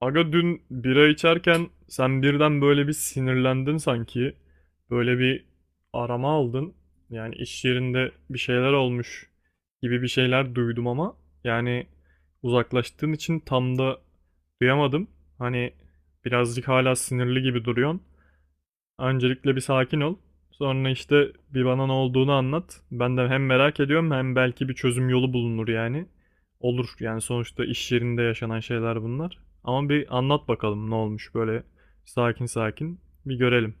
Aga, dün bira içerken sen birden böyle bir sinirlendin sanki. Böyle bir arama aldın. Yani iş yerinde bir şeyler olmuş gibi bir şeyler duydum, ama yani uzaklaştığın için tam da duyamadım. Hani birazcık hala sinirli gibi duruyorsun. Öncelikle bir sakin ol. Sonra işte bir bana ne olduğunu anlat. Ben de hem merak ediyorum, hem belki bir çözüm yolu bulunur yani. Olur yani, sonuçta iş yerinde yaşanan şeyler bunlar. Ama bir anlat bakalım, ne olmuş böyle, sakin sakin bir görelim.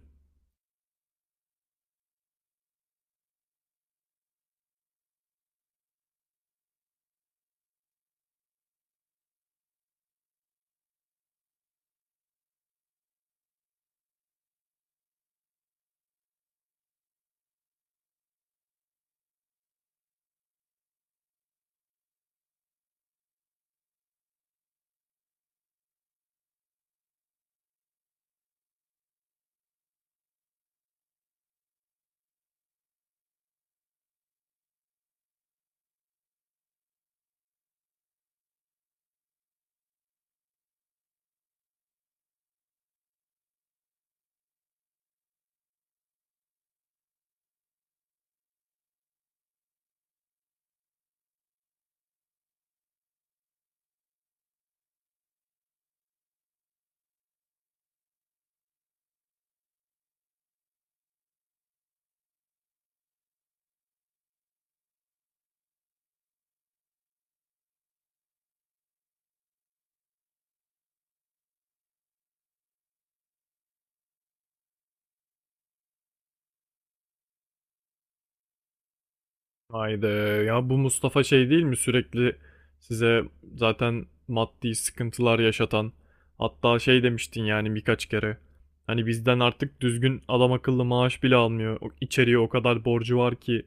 Haydi ya, bu Mustafa şey değil mi, sürekli size zaten maddi sıkıntılar yaşatan? Hatta şey demiştin yani birkaç kere, hani bizden artık düzgün adam akıllı maaş bile almıyor, içeriye o kadar borcu var ki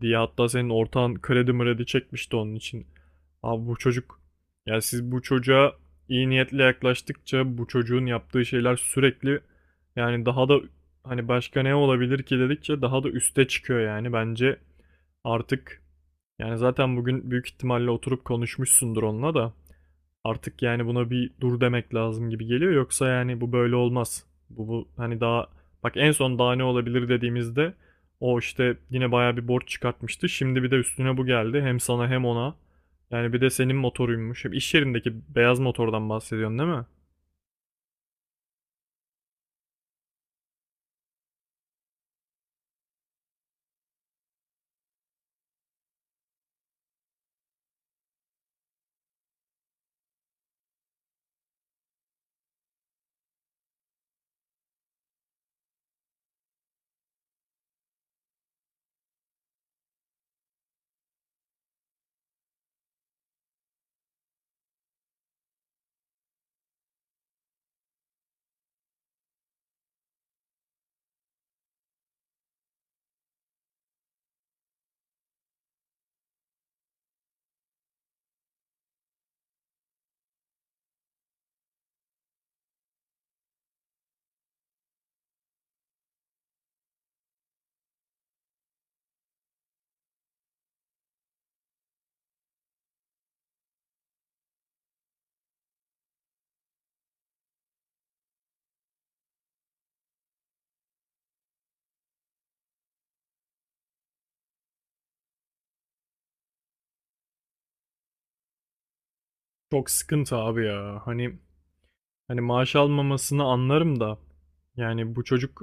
diye, hatta senin ortağın kredi mredi çekmişti onun için. Abi, bu çocuk, yani siz bu çocuğa iyi niyetle yaklaştıkça bu çocuğun yaptığı şeyler sürekli, yani daha da, hani başka ne olabilir ki dedikçe daha da üste çıkıyor yani. Bence artık, yani zaten bugün büyük ihtimalle oturup konuşmuşsundur onunla da, artık yani buna bir dur demek lazım gibi geliyor, yoksa yani bu böyle olmaz. Bu hani daha, bak, en son daha ne olabilir dediğimizde o işte yine bayağı bir borç çıkartmıştı. Şimdi bir de üstüne bu geldi, hem sana hem ona. Yani bir de senin motoruymuş. Hem iş yerindeki beyaz motordan bahsediyorsun, değil mi? Çok sıkıntı abi ya. Hani maaş almamasını anlarım da, yani bu çocuk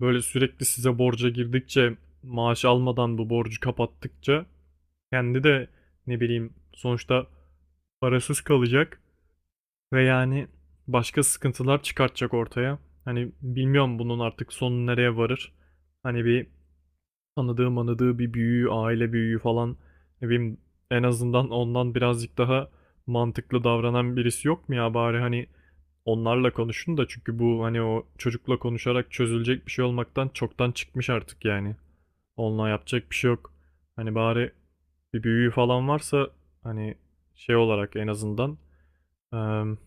böyle sürekli size borca girdikçe, maaş almadan bu borcu kapattıkça, kendi de ne bileyim, sonuçta parasız kalacak ve yani başka sıkıntılar çıkartacak ortaya. Hani bilmiyorum bunun artık sonu nereye varır. Hani bir tanıdığı manıdığı, bir büyüğü, aile büyüğü falan, ne bileyim, en azından ondan birazcık daha mantıklı davranan birisi yok mu ya? Bari hani onlarla konuşun da, çünkü bu, hani o çocukla konuşarak çözülecek bir şey olmaktan çoktan çıkmış artık yani. Onunla yapacak bir şey yok. Hani bari bir büyüğü falan varsa, hani şey olarak, en azından, em,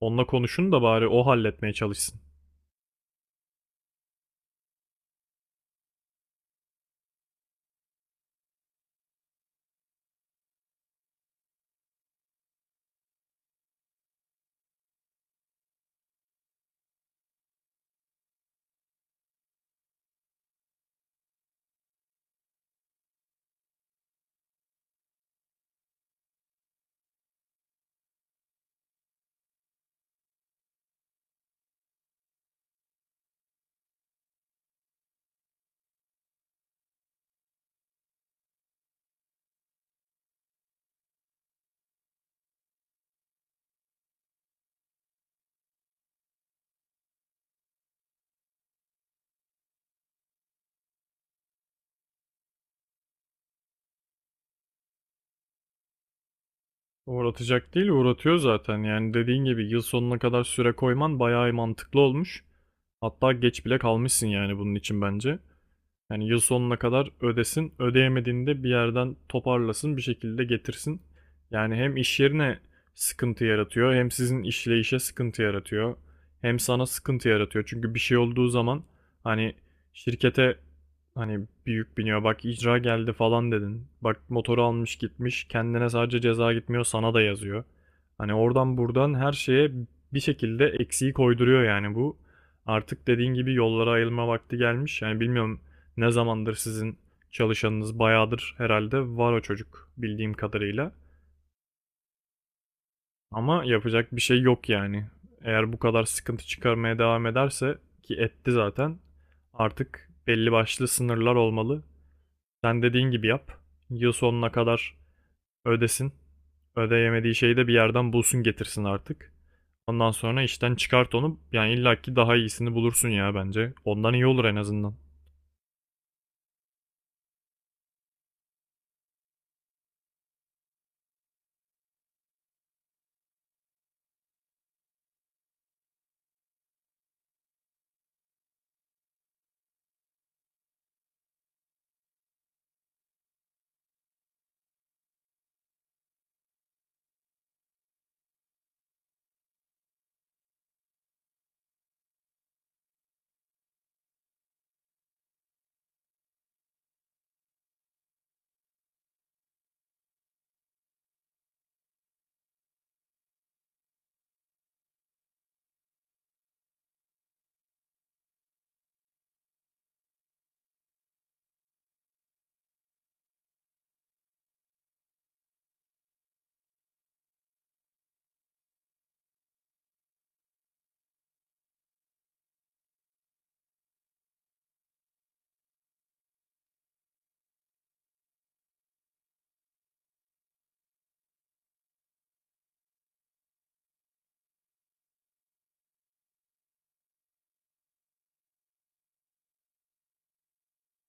onunla konuşun da bari o halletmeye çalışsın. Uğratacak değil, uğratıyor zaten. Yani dediğin gibi yıl sonuna kadar süre koyman bayağı mantıklı olmuş. Hatta geç bile kalmışsın yani bunun için, bence. Yani yıl sonuna kadar ödesin, ödeyemediğini de bir yerden toparlasın, bir şekilde getirsin. Yani hem iş yerine sıkıntı yaratıyor, hem sizin işleyişe sıkıntı yaratıyor, hem sana sıkıntı yaratıyor. Çünkü bir şey olduğu zaman, hani şirkete hani büyük biniyor, bak, icra geldi falan dedin. Bak, motoru almış gitmiş, kendine sadece ceza gitmiyor, sana da yazıyor. Hani oradan buradan her şeye bir şekilde eksiği koyduruyor yani bu. Artık dediğin gibi yollara ayrılma vakti gelmiş. Yani bilmiyorum, ne zamandır sizin çalışanınız bayağıdır herhalde, var o çocuk bildiğim kadarıyla. Ama yapacak bir şey yok yani. Eğer bu kadar sıkıntı çıkarmaya devam ederse, ki etti zaten, artık belli başlı sınırlar olmalı. Sen dediğin gibi yap. Yıl sonuna kadar ödesin. Ödeyemediği şeyi de bir yerden bulsun getirsin artık. Ondan sonra işten çıkart onu. Yani illaki daha iyisini bulursun ya, bence. Ondan iyi olur en azından.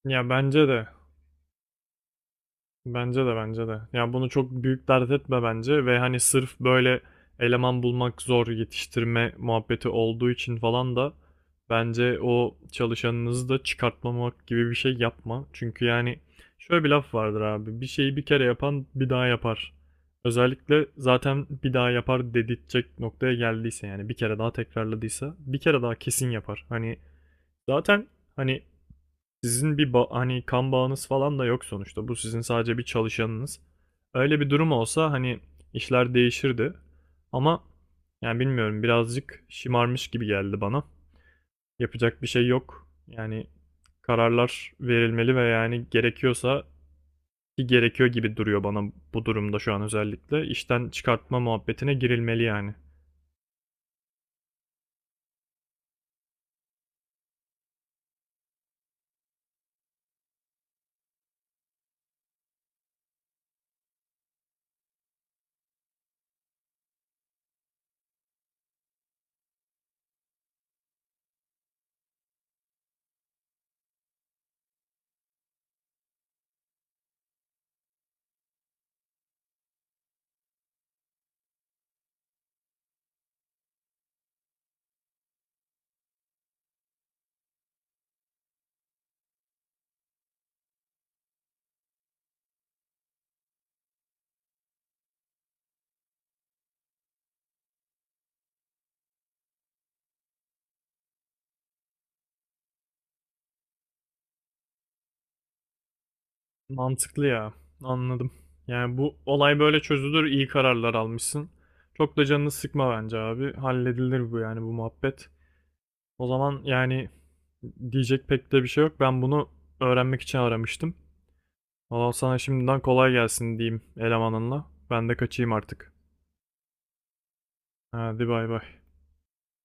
Ya bence de. Bence de, bence de. Yani bunu çok büyük dert etme bence, ve hani sırf böyle eleman bulmak zor, yetiştirme muhabbeti olduğu için falan da bence o çalışanınızı da çıkartmamak gibi bir şey yapma. Çünkü yani, şöyle bir laf vardır abi: bir şeyi bir kere yapan bir daha yapar. Özellikle zaten bir daha yapar dedirtecek noktaya geldiyse, yani bir kere daha tekrarladıysa, bir kere daha kesin yapar. Hani zaten, hani sizin bir hani kan bağınız falan da yok sonuçta. Bu sizin sadece bir çalışanınız. Öyle bir durum olsa hani işler değişirdi. Ama yani bilmiyorum, birazcık şımarmış gibi geldi bana. Yapacak bir şey yok. Yani kararlar verilmeli ve yani gerekiyorsa, ki gerekiyor gibi duruyor bana bu durumda şu an özellikle, işten çıkartma muhabbetine girilmeli yani. Mantıklı ya. Anladım. Yani bu olay böyle çözülür. İyi kararlar almışsın. Çok da canını sıkma bence abi. Halledilir bu, yani bu muhabbet. O zaman yani diyecek pek de bir şey yok. Ben bunu öğrenmek için aramıştım. Valla sana şimdiden kolay gelsin diyeyim elemanınla. Ben de kaçayım artık. Hadi, bay bay.